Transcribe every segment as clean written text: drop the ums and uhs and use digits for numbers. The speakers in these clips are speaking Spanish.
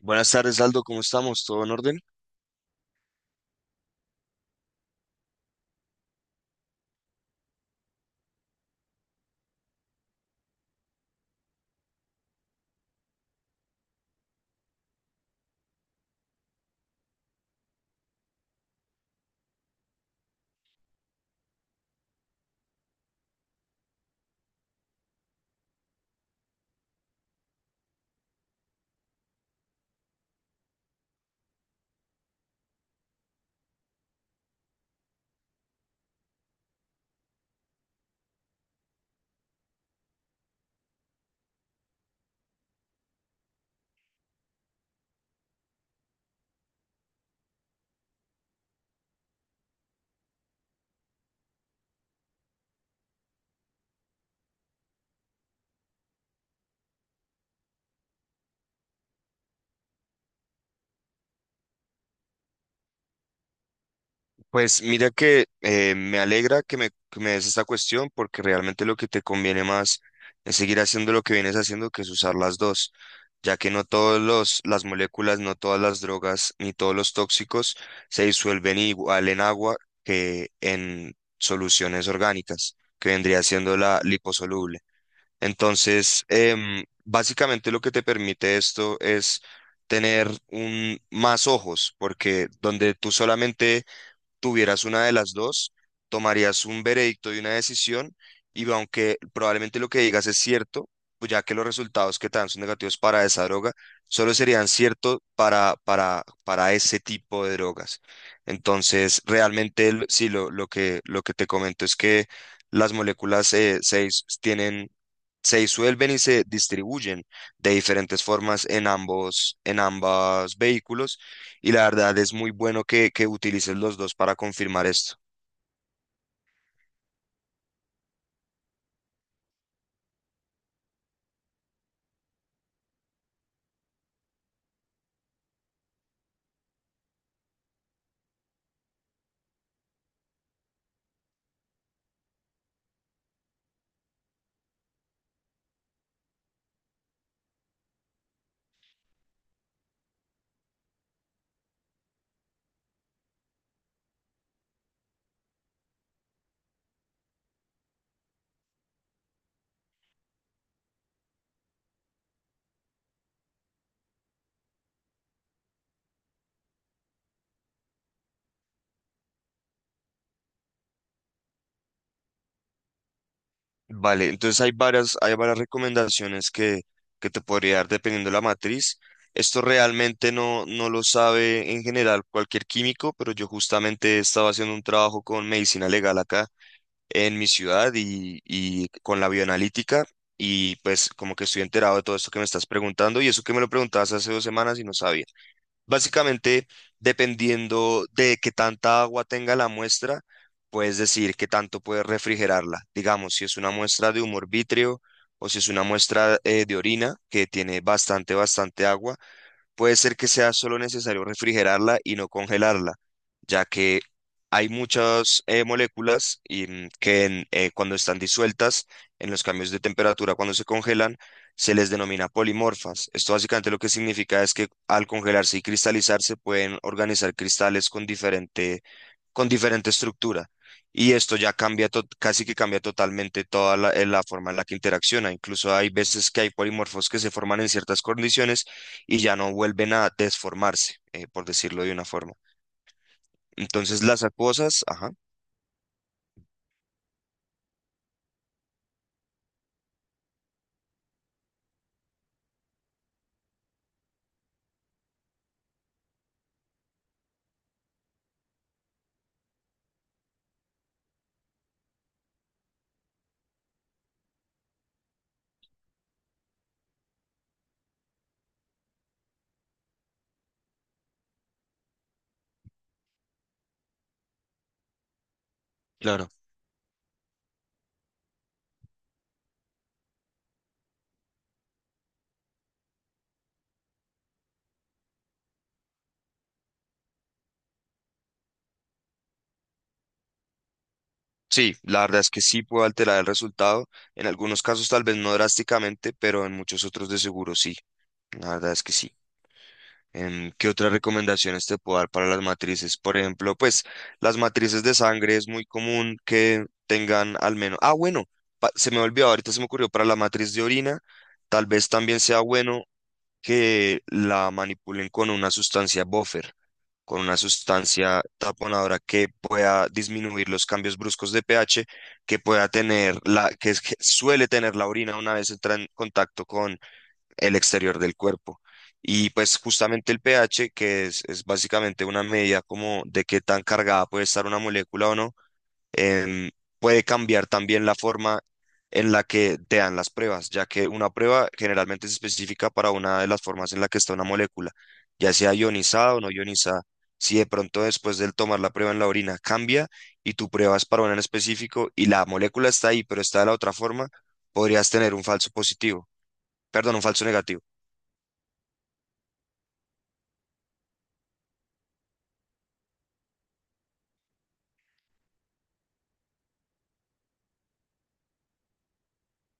Buenas tardes, Aldo, ¿cómo estamos? ¿Todo en orden? Pues mira que me alegra que me des esta cuestión porque realmente lo que te conviene más es seguir haciendo lo que vienes haciendo, que es usar las dos, ya que no todos las moléculas, no todas las drogas, ni todos los tóxicos se disuelven igual en agua que en soluciones orgánicas, que vendría siendo la liposoluble. Entonces, básicamente lo que te permite esto es tener más ojos, porque donde tú solamente tuvieras una de las dos, tomarías un veredicto y una decisión, y aunque probablemente lo que digas es cierto, pues ya que los resultados que te dan son negativos para esa droga, solo serían ciertos para ese tipo de drogas. Entonces, realmente, sí, lo que te comento es que las moléculas 6 tienen se disuelven y se distribuyen de diferentes formas en ambos vehículos. Y la verdad es muy bueno que utilices los dos para confirmar esto. Vale, entonces hay varias recomendaciones que te podría dar dependiendo de la matriz. Esto realmente no lo sabe en general cualquier químico, pero yo justamente estaba haciendo un trabajo con medicina legal acá en mi ciudad y con la bioanalítica, y pues como que estoy enterado de todo esto que me estás preguntando, y eso que me lo preguntabas hace dos semanas y no sabía. Básicamente, dependiendo de qué tanta agua tenga la muestra, puedes decir qué tanto puedes refrigerarla. Digamos, si es una muestra de humor vítreo, o si es una muestra de orina que tiene bastante agua, puede ser que sea solo necesario refrigerarla y no congelarla, ya que hay muchas moléculas que cuando están disueltas en los cambios de temperatura, cuando se congelan, se les denomina polimorfas. Esto básicamente lo que significa es que al congelarse y cristalizarse pueden organizar cristales con diferente estructura. Y esto ya cambia, casi que cambia totalmente toda la forma en la que interacciona. Incluso hay veces que hay polimorfos que se forman en ciertas condiciones y ya no vuelven a desformarse, por decirlo de una forma. Entonces las acuosas, ajá, claro. Sí, la verdad es que sí puede alterar el resultado. En algunos casos tal vez no drásticamente, pero en muchos otros de seguro sí. La verdad es que sí. ¿Qué otras recomendaciones te puedo dar para las matrices? Por ejemplo, pues las matrices de sangre es muy común que tengan al menos... Ah, bueno, se me olvidó, ahorita se me ocurrió para la matriz de orina, tal vez también sea bueno que la manipulen con una sustancia buffer, con una sustancia taponadora que pueda disminuir los cambios bruscos de pH que pueda tener la que suele tener la orina una vez entra en contacto con el exterior del cuerpo. Y pues justamente el pH, es básicamente una medida como de qué tan cargada puede estar una molécula o no, em, puede cambiar también la forma en la que te dan las pruebas, ya que una prueba generalmente es específica para una de las formas en la que está una molécula, ya sea ionizada o no ionizada. Si de pronto después del tomar la prueba en la orina cambia y tu prueba es para una en específico y la molécula está ahí, pero está de la otra forma, podrías tener un falso positivo, perdón, un falso negativo.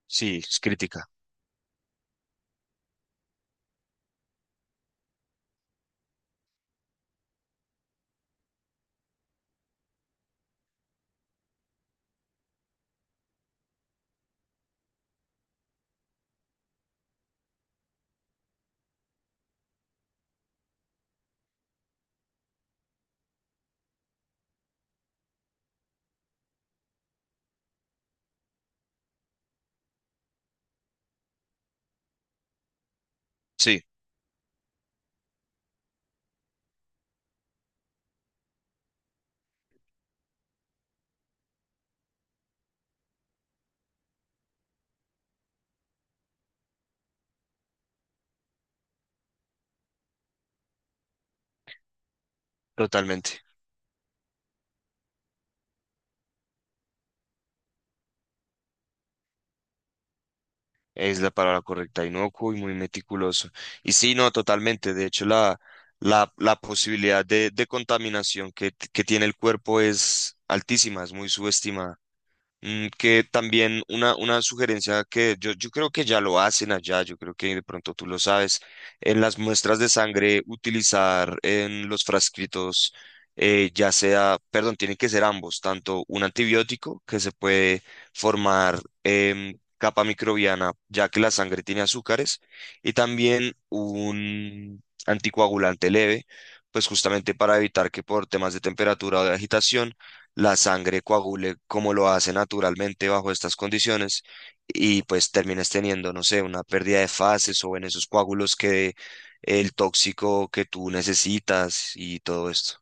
Sí, es crítica. Sí, totalmente. Es la palabra correcta, inocuo y muy meticuloso. Y sí, no, totalmente. De hecho, la posibilidad de contaminación que tiene el cuerpo es altísima, es muy subestimada. Que también una sugerencia que yo creo que ya lo hacen allá, yo creo que de pronto tú lo sabes, en las muestras de sangre utilizar en los frascritos, ya sea, perdón, tienen que ser ambos, tanto un antibiótico que se puede formar capa microbiana, ya que la sangre tiene azúcares, y también un anticoagulante leve, pues justamente para evitar que por temas de temperatura o de agitación, la sangre coagule como lo hace naturalmente bajo estas condiciones, y pues terminas teniendo, no sé, una pérdida de fases o en esos coágulos que el tóxico que tú necesitas y todo esto.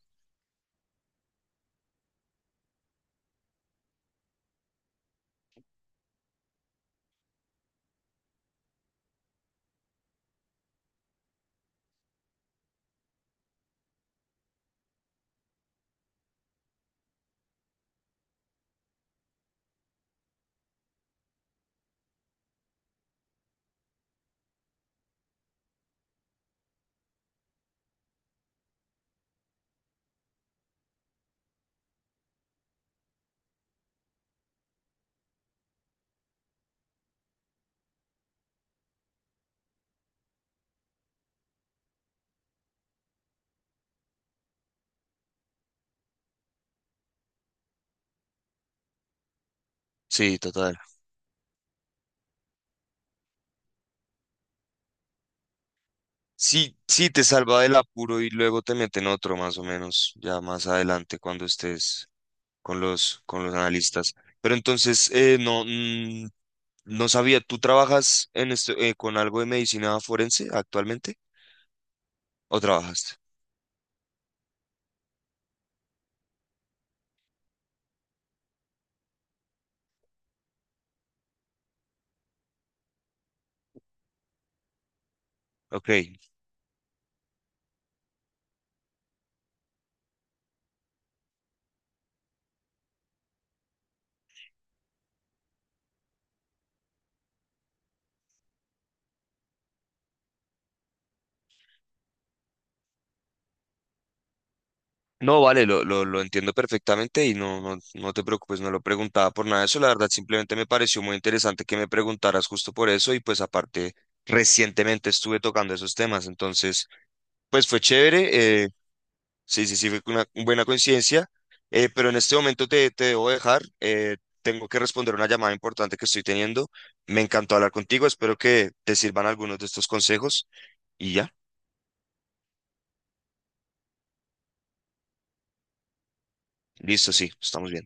Sí, total. Sí, sí, te salva del apuro y luego te meten otro más o menos, ya más adelante cuando estés con los analistas. Pero entonces, no, no sabía, ¿tú trabajas en esto, con algo de medicina forense actualmente? ¿O trabajaste? Ok. No, vale, lo entiendo perfectamente y no, no, no te preocupes, no lo preguntaba por nada de eso, la verdad simplemente me pareció muy interesante que me preguntaras justo por eso, y pues aparte recientemente estuve tocando esos temas, entonces pues fue chévere, sí, sí, sí, fue una buena coincidencia, pero en este momento te debo dejar, tengo que responder una llamada importante que estoy teniendo, me encantó hablar contigo, espero que te sirvan algunos de estos consejos y ya, listo, sí, estamos bien.